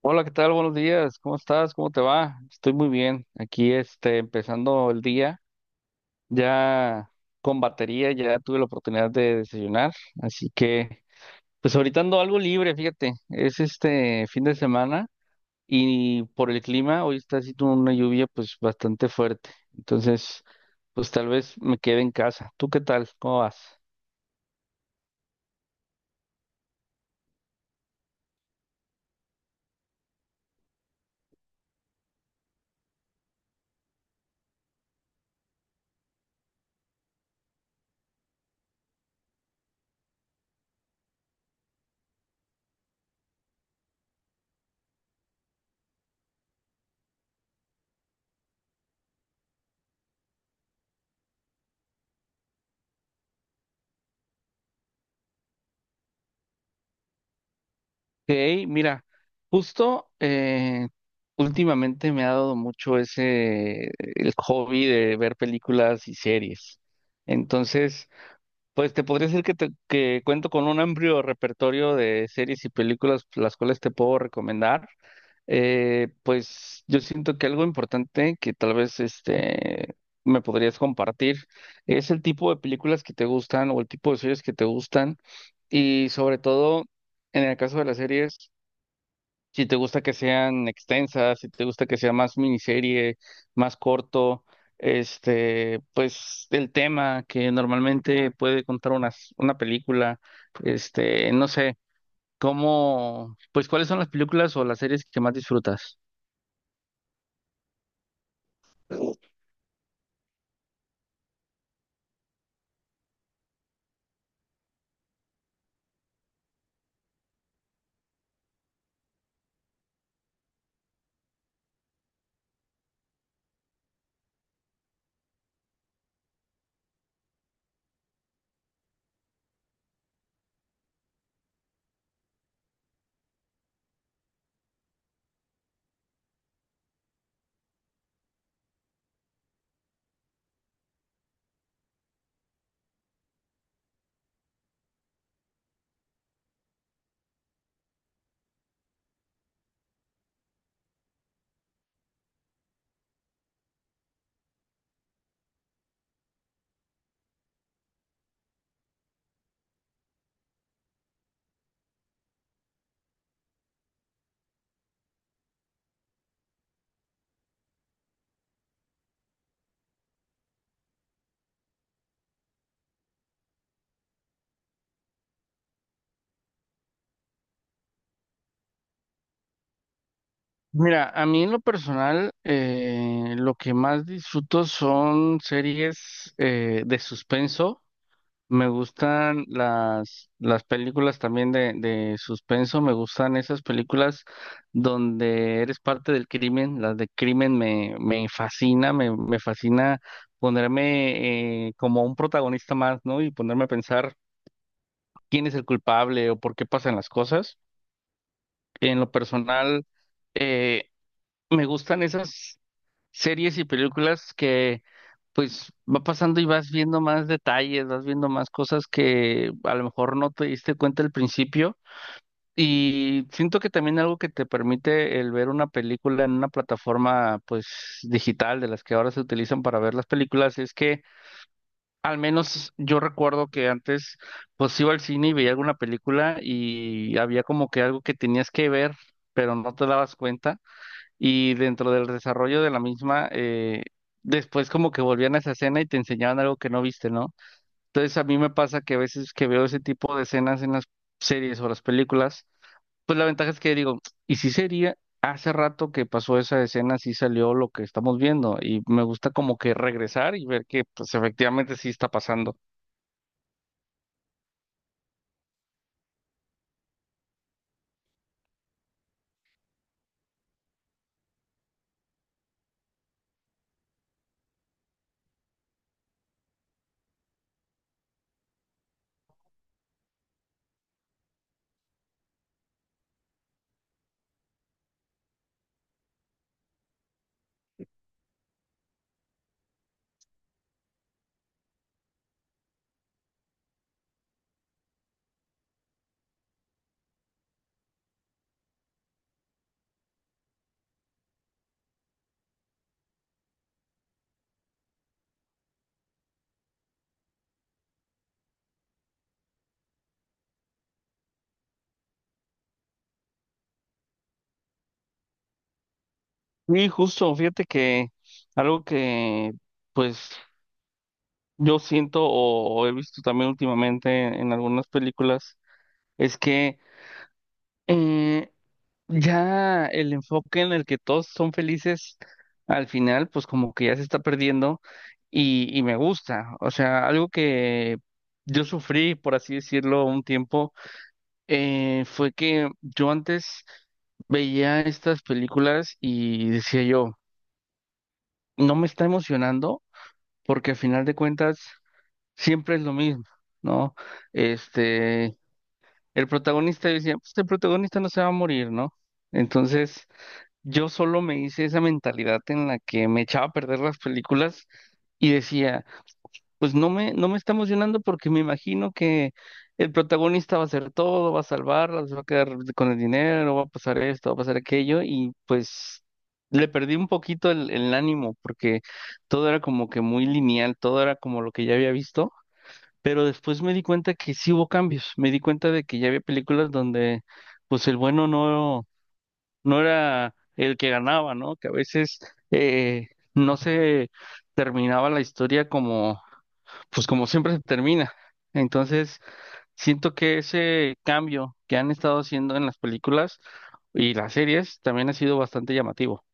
Hola, ¿qué tal? Buenos días. ¿Cómo estás? ¿Cómo te va? Estoy muy bien. Aquí, empezando el día, ya con batería, ya tuve la oportunidad de desayunar, así que, pues ahorita ando algo libre, fíjate. Es este fin de semana y por el clima, hoy está haciendo una lluvia, pues bastante fuerte. Entonces, pues tal vez me quede en casa. ¿Tú qué tal? ¿Cómo vas? Ok, mira, justo últimamente me ha dado mucho ese el hobby de ver películas y series. Entonces, pues te podría decir que que cuento con un amplio repertorio de series y películas las cuales te puedo recomendar. Pues yo siento que algo importante que tal vez este me podrías compartir es el tipo de películas que te gustan o el tipo de series que te gustan. Y sobre todo, en el caso de las series, si te gusta que sean extensas, si te gusta que sea más miniserie, más corto, este, pues el tema que normalmente puede contar una película, este, no sé, cómo, pues cuáles son las películas o las series que más disfrutas. Mira, a mí en lo personal, lo que más disfruto son series de suspenso. Me gustan las películas también de suspenso, me gustan esas películas donde eres parte del crimen, las de crimen me fascina, me fascina ponerme como un protagonista más, ¿no? Y ponerme a pensar quién es el culpable o por qué pasan las cosas. En lo personal, eh, me gustan esas series y películas que pues va pasando y vas viendo más detalles, vas viendo más cosas que a lo mejor no te diste cuenta al principio. Y siento que también algo que te permite el ver una película en una plataforma pues digital de las que ahora se utilizan para ver las películas es que al menos yo recuerdo que antes pues iba al cine y veía alguna película y había como que algo que tenías que ver, pero no te dabas cuenta y dentro del desarrollo de la misma, después como que volvían a esa escena y te enseñaban algo que no viste, ¿no? Entonces a mí me pasa que a veces que veo ese tipo de escenas en las series o las películas, pues la ventaja es que digo, ¿y si sería? Hace rato que pasó esa escena, sí salió lo que estamos viendo y me gusta como que regresar y ver que pues efectivamente sí está pasando. Y justo, fíjate que algo que pues yo siento o he visto también últimamente en algunas películas es que eh, ya el enfoque en el que todos son felices al final, pues como que ya se está perdiendo y me gusta. O sea, algo que yo sufrí, por así decirlo, un tiempo, fue que yo antes veía estas películas y decía yo, no me está emocionando porque al final de cuentas siempre es lo mismo, ¿no? Este, el protagonista decía, pues el protagonista no se va a morir, ¿no? Entonces, yo solo me hice esa mentalidad en la que me echaba a perder las películas y decía, pues no me está emocionando porque me imagino que el protagonista va a hacer todo, va a salvarlas, va a quedar con el dinero, va a pasar esto, va a pasar aquello y pues le perdí un poquito el ánimo porque todo era como que muy lineal, todo era como lo que ya había visto, pero después me di cuenta que sí hubo cambios, me di cuenta de que ya había películas donde pues el bueno no era el que ganaba, ¿no? Que a veces eh, no se terminaba la historia como, pues como siempre se termina. Entonces, siento que ese cambio que han estado haciendo en las películas y las series también ha sido bastante llamativo.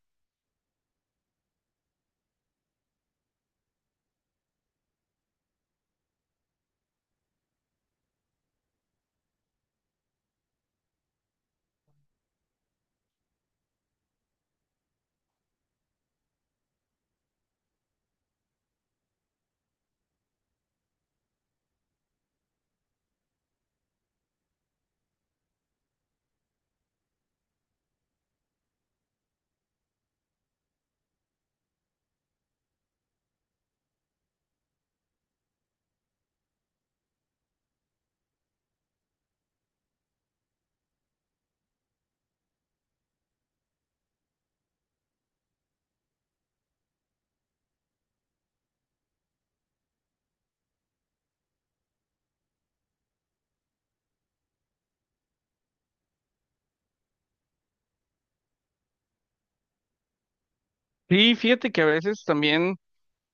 Sí, fíjate que a veces también,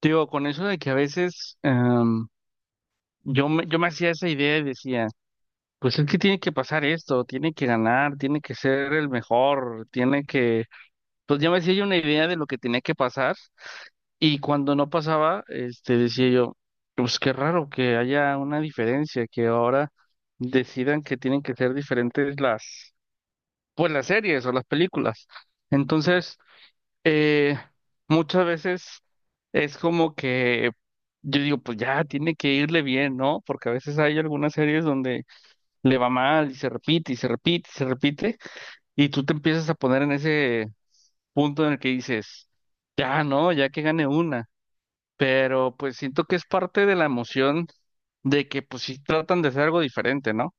digo, con eso de que a veces yo me hacía esa idea y decía, pues es que tiene que pasar esto, tiene que ganar, tiene que ser el mejor, tiene que. Pues ya me hacía yo una idea de lo que tenía que pasar y cuando no pasaba, este, decía yo, pues qué raro que haya una diferencia, que ahora decidan que tienen que ser diferentes pues las series o las películas. Entonces, eh, muchas veces es como que yo digo, pues ya tiene que irle bien, ¿no? Porque a veces hay algunas series donde le va mal y se repite y se repite y se repite y tú te empiezas a poner en ese punto en el que dices, ya no, ya que gane una, pero pues siento que es parte de la emoción de que pues sí tratan de hacer algo diferente, ¿no?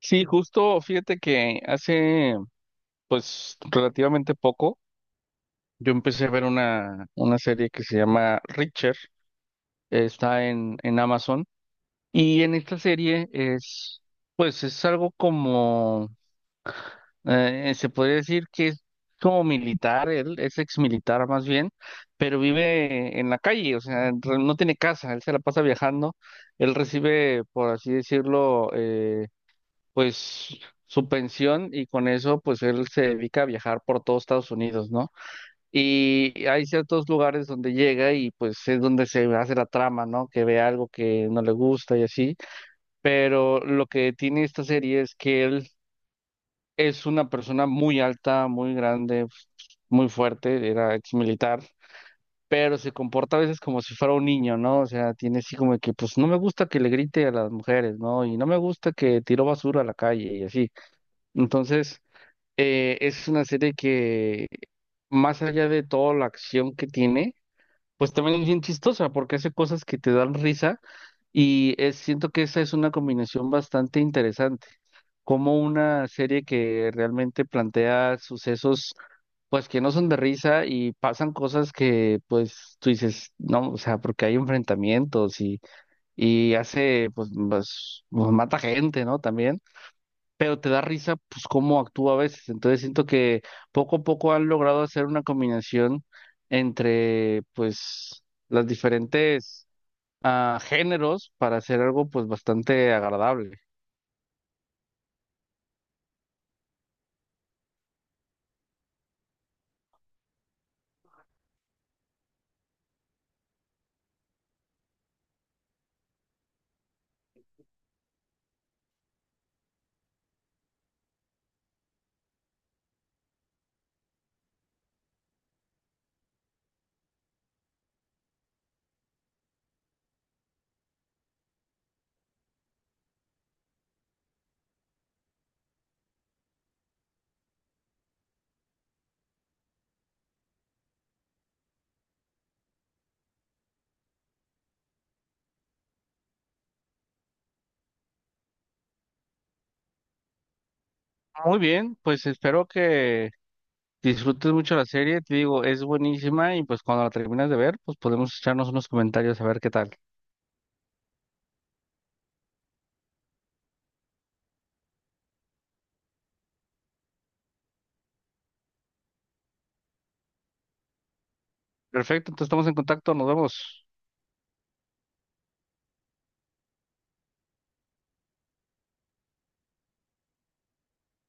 Sí, justo, fíjate que hace pues relativamente poco yo empecé a ver una serie que se llama Reacher, está en Amazon y en esta serie es pues es algo como. Se podría decir que es como militar, él es ex militar más bien, pero vive en la calle, o sea, en re- no tiene casa, él se la pasa viajando, él recibe, por así decirlo, pues su pensión y con eso pues él se dedica a viajar por todo Estados Unidos, ¿no? Y hay ciertos lugares donde llega y pues es donde se hace la trama, ¿no? Que ve algo que no le gusta y así, pero lo que tiene esta serie es que él es una persona muy alta, muy grande, muy fuerte, era ex militar, pero se comporta a veces como si fuera un niño, ¿no? O sea, tiene así como que, pues no me gusta que le grite a las mujeres, ¿no? Y no me gusta que tiró basura a la calle y así. Entonces, es una serie que, más allá de toda la acción que tiene, pues también es bien chistosa porque hace cosas que te dan risa y siento que esa es una combinación bastante interesante como una serie que realmente plantea sucesos, pues que no son de risa y pasan cosas que, pues tú dices, no, o sea, porque hay enfrentamientos y hace, pues, mata gente, ¿no? También, pero te da risa, pues, cómo actúa a veces. Entonces siento que poco a poco han logrado hacer una combinación entre, pues, las diferentes géneros para hacer algo, pues, bastante agradable. Muy bien, pues espero que disfrutes mucho la serie, te digo, es buenísima y pues cuando la termines de ver, pues podemos echarnos unos comentarios a ver qué tal. Perfecto, entonces estamos en contacto, nos vemos.